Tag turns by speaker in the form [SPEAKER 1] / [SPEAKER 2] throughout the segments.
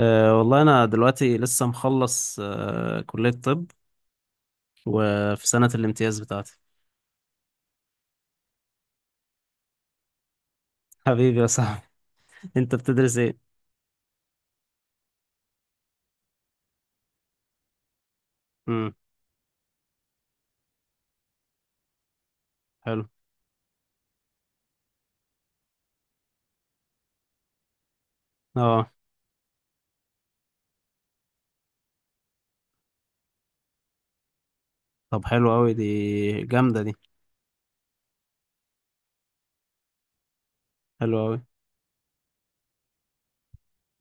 [SPEAKER 1] أه والله أنا دلوقتي لسه مخلص كلية طب، وفي سنة الامتياز بتاعتي. حبيبي يا صاحبي. أنت بتدرس إيه؟ امم، حلو. أه، طب حلو أوي دي، جامدة دي، حلو أوي،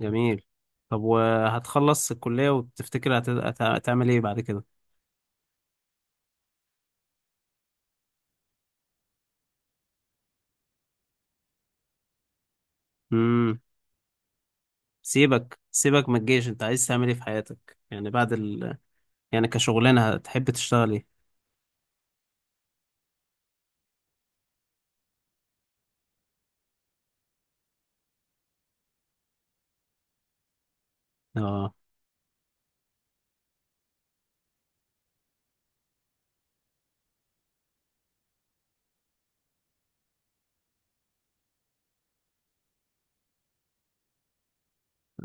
[SPEAKER 1] جميل. طب وهتخلص الكلية وتفتكر هتعمل إيه بعد كده؟ امم. سيبك سيبك من الجيش، أنت عايز تعمل إيه في حياتك؟ يعني بعد ال يعني كشغلانة هتحب تشتغل إيه؟ أه.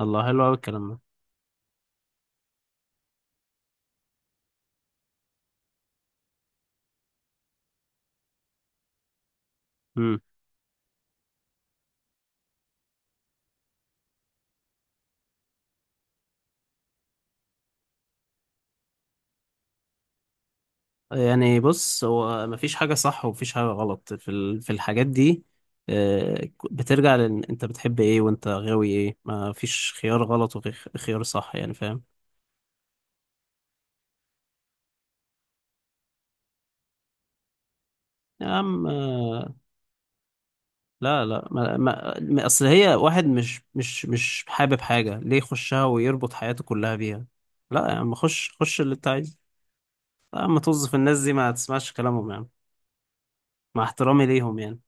[SPEAKER 1] الله، حلو أوي الكلام ده. يعني بص، هو مفيش حاجة صح ومفيش حاجة غلط في في الحاجات دي. بترجع لأن أنت بتحب إيه وأنت غاوي إيه. مفيش خيار غلط وخيار صح، يعني فاهم. يا عم، لا لا، أصل هي واحد مش حابب حاجة ليه يخشها ويربط حياته كلها بيها؟ لا يا عم، خش خش اللي أنت عايزه. لا يا عم، طز في الناس دي، ما تسمعش كلامهم يا عم. مع احترامي ليهم يعني.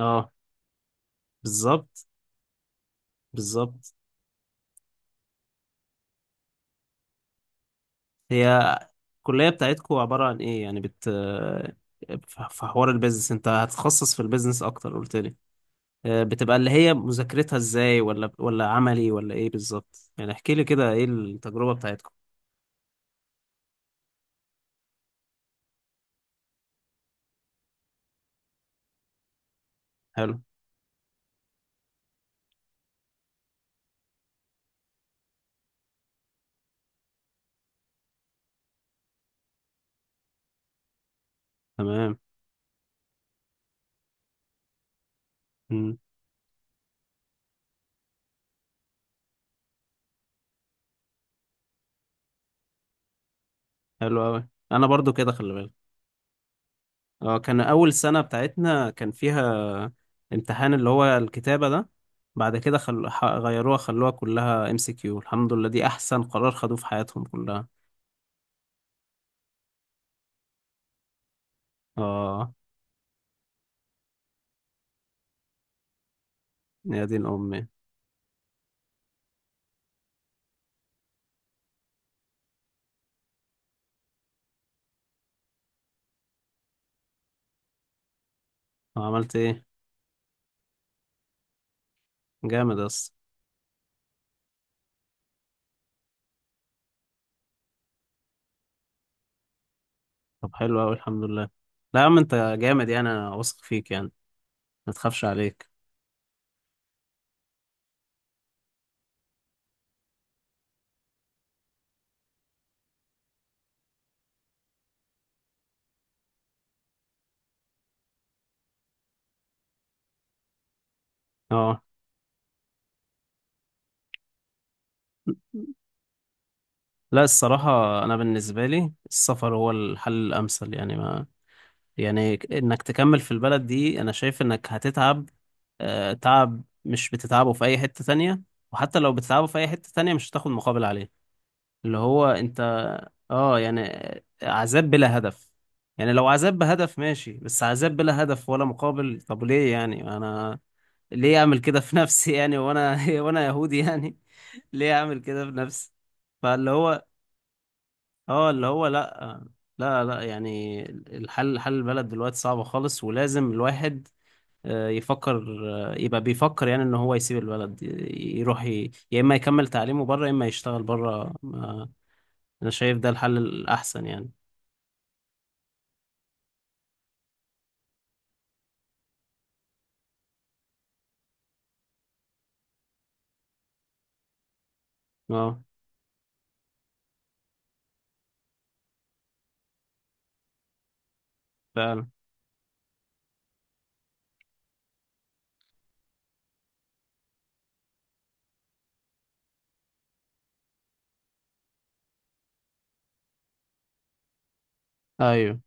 [SPEAKER 1] أه، بالظبط، بالظبط. هي الكلية بتاعتكم عبارة عن ايه؟ يعني في حوار البيزنس، انت هتتخصص في البيزنس اكتر قلت لي. بتبقى اللي هي مذاكرتها ازاي؟ ولا عملي ولا ايه بالظبط؟ يعني احكي لي كده ايه التجربة بتاعتكم. حلو. تمام. مم. حلو قوي، انا برضو كده، خلي بالك. اه، كان اول سنة بتاعتنا كان فيها امتحان اللي هو الكتابة ده. بعد كده غيروها، خلوها كلها ام سي كيو. الحمد لله، دي احسن قرار خدوه في حياتهم كلها. اه. يا دين امي! عملت ايه؟ جامد اصلا. طب حلو اوي، الحمد لله. لا يا عم، انت جامد يعني، انا واثق فيك يعني، ما تخافش عليك. اه. لا، الصراحة أنا بالنسبة لي السفر هو الحل الأمثل يعني. ما يعني إنك تكمل في البلد دي، أنا شايف إنك هتتعب، تعب مش بتتعبه في أي حتة تانية. وحتى لو بتتعبه في أي حتة تانية، مش هتاخد مقابل عليه. اللي هو انت. اه يعني، عذاب بلا هدف. يعني لو عذاب بهدف ماشي، بس عذاب بلا هدف ولا مقابل، طب ليه يعني؟ انا ليه اعمل كده في نفسي يعني، وانا وانا يهودي يعني. ليه اعمل كده في نفسي؟ فاللي هو. اه، اللي هو لا. لا لا، يعني الحل حل البلد دلوقتي صعب خالص، ولازم الواحد يفكر، يبقى بيفكر يعني، ان هو يسيب البلد يروح، يا اما يكمل تعليمه بره، يا اما يشتغل بره. انا شايف ده الحل الاحسن يعني. اه، فعلا. ايوه،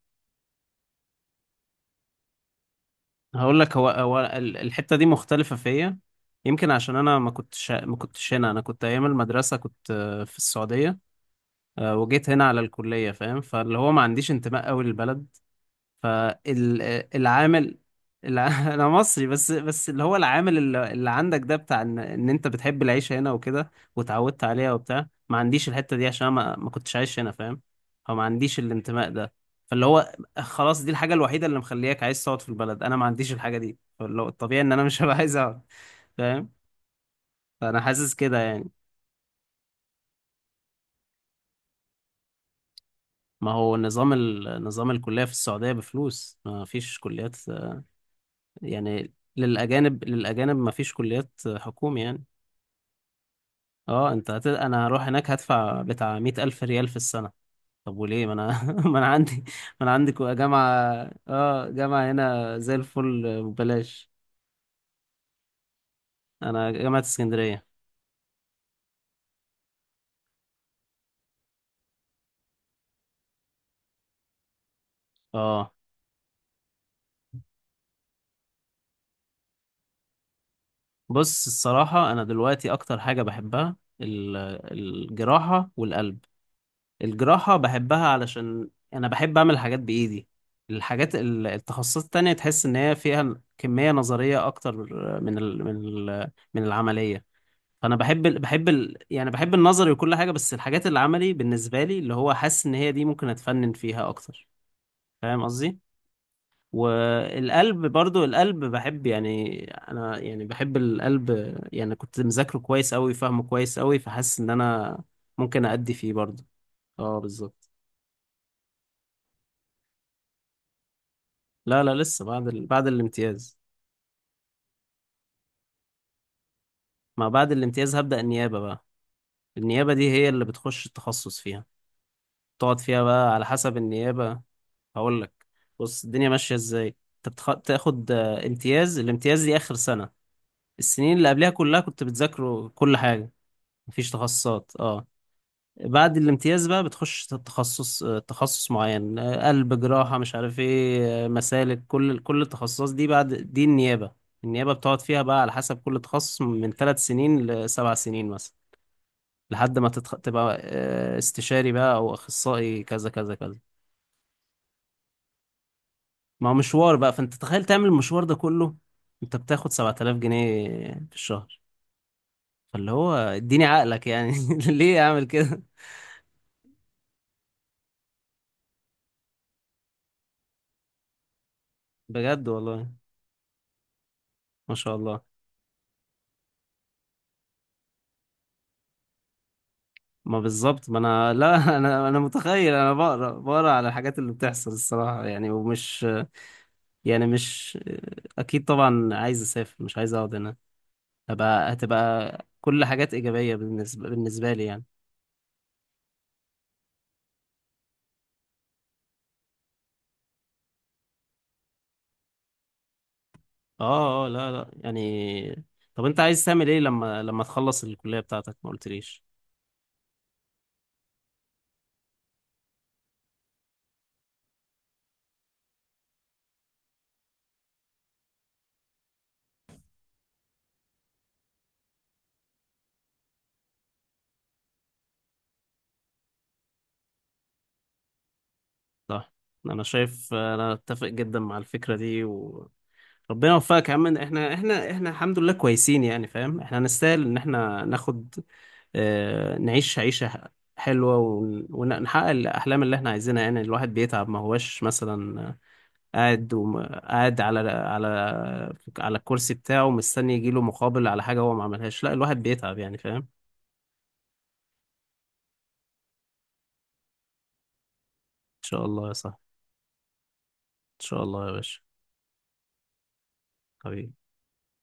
[SPEAKER 1] هقول لك. الحته دي مختلفه فيا، يمكن عشان انا ما كنتش هنا. انا كنت ايام المدرسه، كنت في السعوديه، وجيت هنا على الكليه، فاهم؟ فاللي هو ما عنديش انتماء قوي للبلد. فالعامل. انا مصري، بس اللي هو العامل اللي عندك ده، بتاع ان انت بتحب العيشه هنا وكده وتعودت عليها وبتاع. ما عنديش الحته دي عشان أنا ما كنتش عايش هنا، فاهم؟ او ما عنديش الانتماء ده. فاللي هو خلاص، دي الحاجه الوحيده اللي مخلياك عايز تقعد في البلد، انا ما عنديش الحاجه دي، فاللي هو الطبيعي ان انا مش هبقى عايز اقعد، فاهم؟ فانا حاسس كده يعني. ما هو نظام نظام الكليه في السعوديه بفلوس، ما فيش كليات يعني. للأجانب مفيش كليات حكومي يعني. اه، انا هروح هناك هدفع بتاع مئة ألف ريال في السنة. طب وليه؟ ما انا ما انا عندي. ما انا عندي جامعة. اه، جامعة هنا زي الفل ببلاش. انا جامعة اسكندرية. اه، بص، الصراحة انا دلوقتي اكتر حاجة بحبها الجراحة والقلب. الجراحة بحبها علشان أنا بحب أعمل حاجات بإيدي. الحاجات التخصصات التانية، تحس إن هي فيها كمية نظرية أكتر من ال من من العملية. فأنا بحب ال بحب ال يعني بحب النظري وكل حاجة، بس الحاجات العملي بالنسبة لي اللي هو حاسس إن هي دي ممكن أتفنن فيها أكتر، فاهم قصدي؟ والقلب برضو، القلب بحب يعني، أنا يعني بحب القلب، يعني كنت مذاكره كويس أوي، فاهمه كويس أوي، فحاسس إن أنا ممكن أأدي فيه برضو. اه، بالظبط. لا لا، لسه بعد الامتياز. ما بعد الامتياز هبدأ النيابة بقى. النيابة دي هي اللي بتخش التخصص فيها، تقعد فيها بقى على حسب النيابة. هقول لك، بص الدنيا ماشية ازاي. انت بتاخد امتياز. الامتياز دي آخر سنة. السنين اللي قبلها كلها كنت بتذاكره كل حاجة، مفيش تخصصات. اه، بعد الامتياز بقى بتخش تخصص، تخصص معين، قلب، جراحة، مش عارف ايه، مسالك، كل التخصصات دي بعد دي النيابة. النيابة بتقعد فيها بقى على حسب كل تخصص، من ثلاث سنين لسبع سنين مثلا. لحد ما تبقى استشاري بقى او اخصائي، كذا كذا كذا. ما هو مشوار بقى، فانت تخيل تعمل المشوار ده كله، انت بتاخد 7000 جنيه في الشهر. فاللي هو اديني عقلك يعني، ليه اعمل كده؟ بجد والله. ما شاء الله. ما بالظبط. ما انا لا، انا متخيل، انا بقرا على الحاجات اللي بتحصل الصراحه يعني، ومش يعني، مش اكيد طبعا عايز اسافر، مش عايز اقعد هنا. هبقى هتبقى كل حاجات ايجابيه بالنسبه لي يعني. اه، اه، لا لا يعني. طب انت عايز تعمل ايه لما تخلص الكليه بتاعتك؟ ما قلتليش. صح. انا اتفق جدا مع الفكره دي ربنا يوفقك يا عم. احنا الحمد لله كويسين، يعني فاهم، احنا نستاهل ان احنا ناخد، نعيش عيشة حلوة ونحقق الأحلام اللي احنا عايزينها يعني. الواحد بيتعب، ما هوش مثلا قاعد، على على الكرسي بتاعه مستني يجيله مقابل على حاجة هو ما عملهاش. لا، الواحد بيتعب يعني، فاهم. إن شاء الله يا صاحبي، إن شاء الله يا باشا، حبيبي.